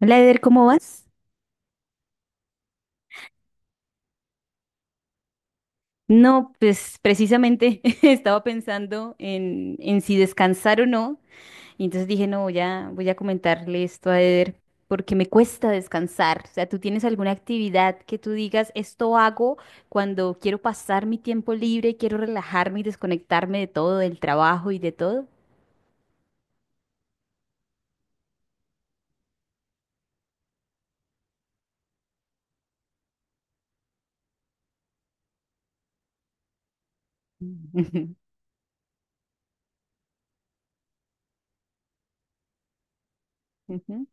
Hola, Eder, ¿cómo vas? No, pues precisamente estaba pensando en si descansar o no, y entonces dije, no, voy a comentarle esto a Eder, porque me cuesta descansar. O sea, ¿tú tienes alguna actividad que tú digas, esto hago cuando quiero pasar mi tiempo libre, quiero relajarme y desconectarme de todo, del trabajo y de todo? Ujú.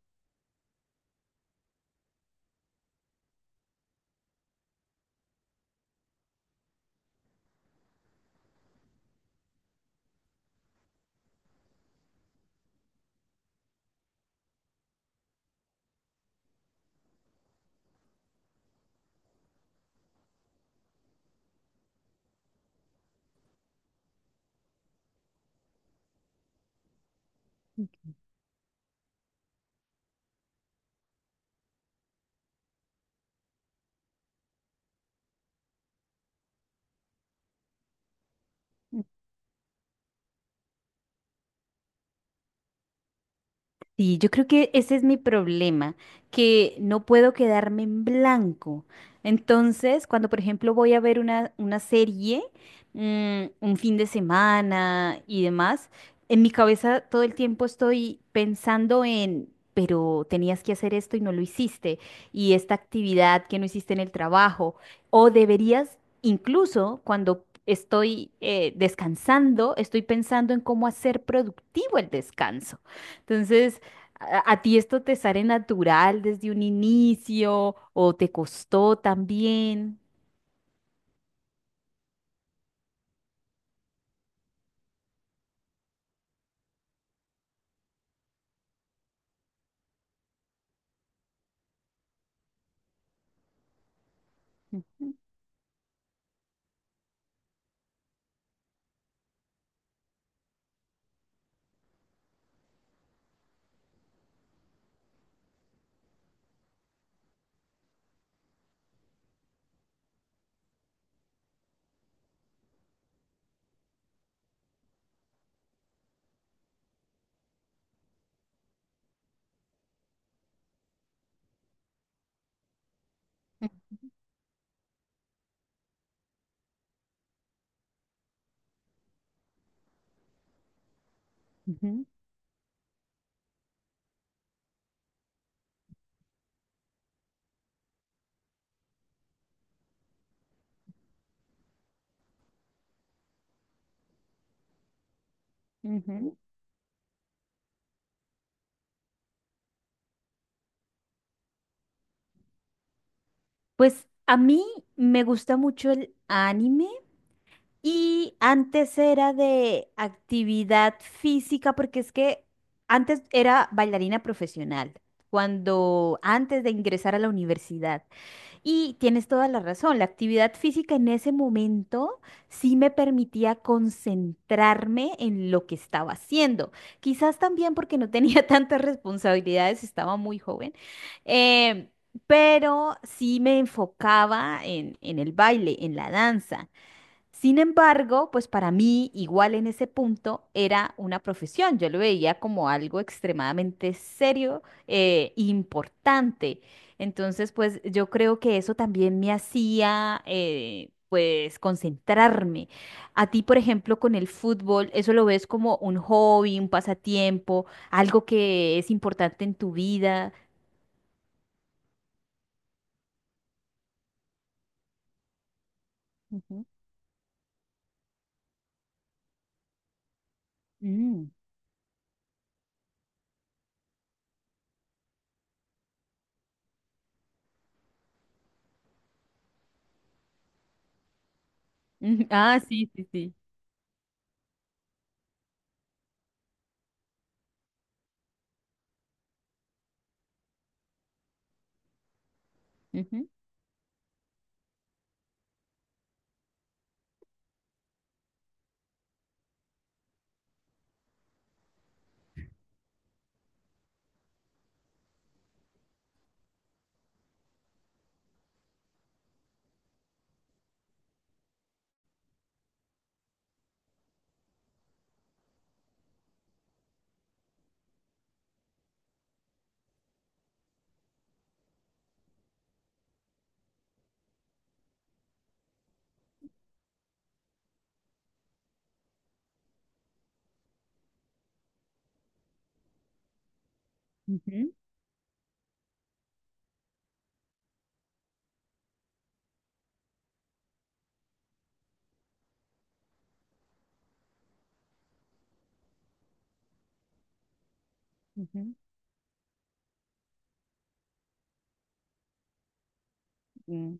Sí, yo creo que ese es mi problema, que no puedo quedarme en blanco. Entonces, cuando por ejemplo voy a ver una serie, un fin de semana y demás, en mi cabeza todo el tiempo estoy pensando en, pero tenías que hacer esto y no lo hiciste, y esta actividad que no hiciste en el trabajo, o deberías, incluso Estoy descansando, estoy pensando en cómo hacer productivo el descanso. Entonces, ¿A ti esto te sale natural desde un inicio o te costó también? Ujú, ujú, ujú. Pues a mí me gusta mucho el anime y antes era de actividad física porque es que antes era bailarina profesional, cuando antes de ingresar a la universidad. Y tienes toda la razón, la actividad física en ese momento sí me permitía concentrarme en lo que estaba haciendo. Quizás también porque no tenía tantas responsabilidades, estaba muy joven, em, pero sí me enfocaba en el baile, en la danza. Sin embargo, pues para mí, igual en ese punto, era una profesión. Yo lo veía como algo extremadamente serio, importante. Entonces, pues yo creo que eso también me hacía, pues, concentrarme. A ti, por ejemplo, con el fútbol, ¿eso lo ves como un hobby, un pasatiempo, algo que es importante en tu vida? Ujú. Mm. Ah, sí, sí, sí. Ujú, ujú, ujú, mm.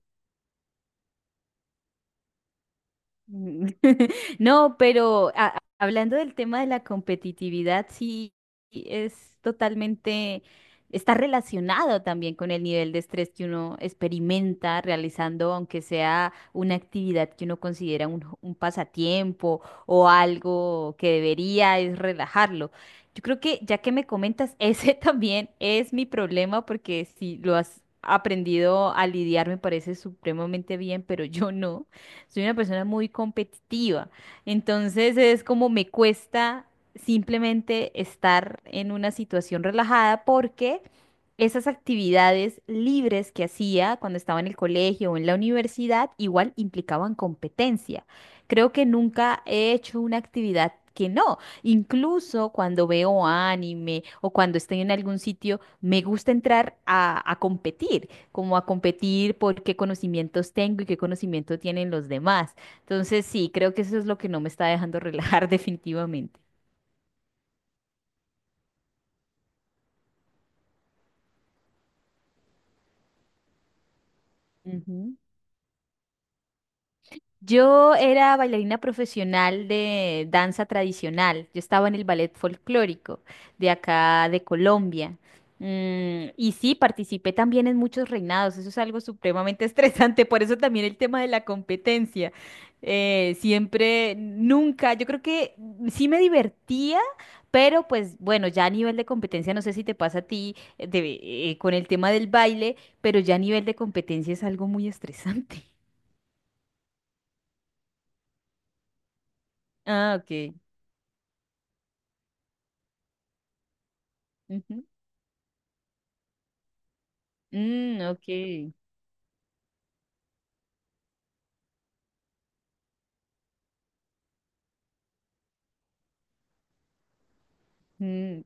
Mm. No, pero hablando del tema de la competitividad, sí, sí, es totalmente, está relacionado también con el nivel de estrés que uno experimenta realizando, aunque sea una actividad que uno considera un, un pasatiempo o algo que debería es relajarlo. Yo creo que ya que me comentas, ese también es mi problema porque si lo has aprendido a lidiar me parece supremamente bien, pero yo no soy una persona muy competitiva. Entonces es como me cuesta simplemente estar en una situación relajada porque esas actividades libres que hacía cuando estaba en el colegio o en la universidad igual implicaban competencia. Creo que nunca he hecho una actividad que no. Incluso cuando veo anime o cuando estoy en algún sitio, me gusta entrar a competir como a competir por qué conocimientos tengo y qué conocimiento tienen los demás. Entonces, sí, creo que eso es lo que no me está dejando relajar definitivamente. Ujú. Yo era bailarina profesional de danza tradicional. Yo estaba en el ballet folclórico de acá de Colombia. Mm, y sí, participé también en muchos reinados. Eso es algo supremamente estresante. Por eso también el tema de la competencia. Siempre, nunca. Yo creo que sí me divertía. Pero pues bueno, ya a nivel de competencia, no sé si te pasa a ti con el tema del baile, pero ya a nivel de competencia es algo muy estresante. Ah, ok. Ujú. Mm, ok. Mm,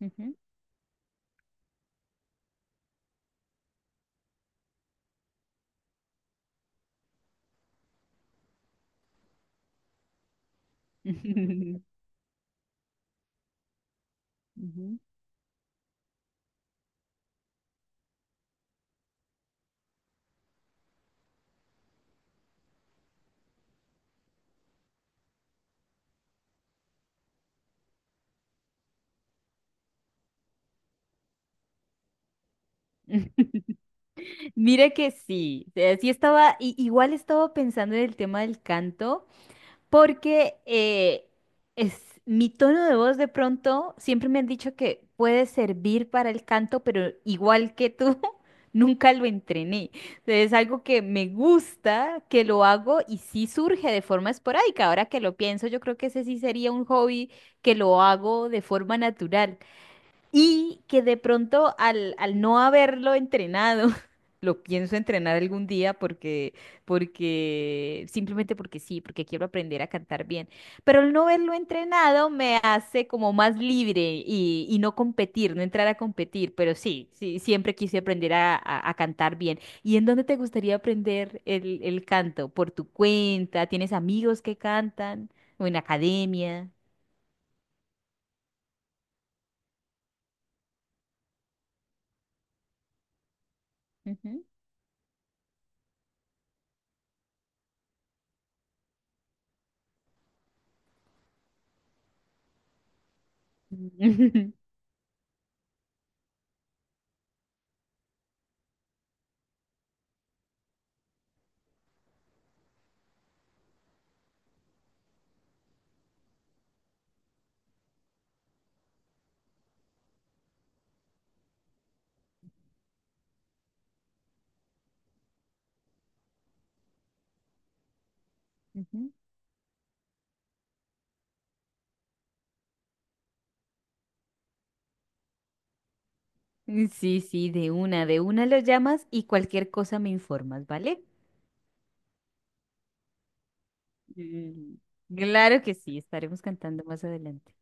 ujú. Ujú. Mira que sí, sí estaba, igual estaba pensando en el tema del canto, porque es mi tono de voz de pronto, siempre me han dicho que puede servir para el canto, pero igual que tú, nunca lo entrené. Entonces, es algo que me gusta, que lo hago y sí surge de forma esporádica. Ahora que lo pienso, yo creo que ese sí sería un hobby que lo hago de forma natural. Y que de pronto al no haberlo entrenado, lo pienso entrenar algún día porque, porque, simplemente porque sí, porque quiero aprender a cantar bien. Pero el no haberlo entrenado me hace como más libre y no competir, no entrar a competir. Pero sí, sí, siempre quise aprender a, a cantar bien. ¿Y en dónde te gustaría aprender el canto? ¿Por tu cuenta? ¿Tienes amigos que cantan? ¿O en academia? Ujú. Ujú. Mm, sí, sí, de una lo llamas y cualquier cosa me informas, ¿vale? Mm, claro que sí, estaremos cantando más adelante.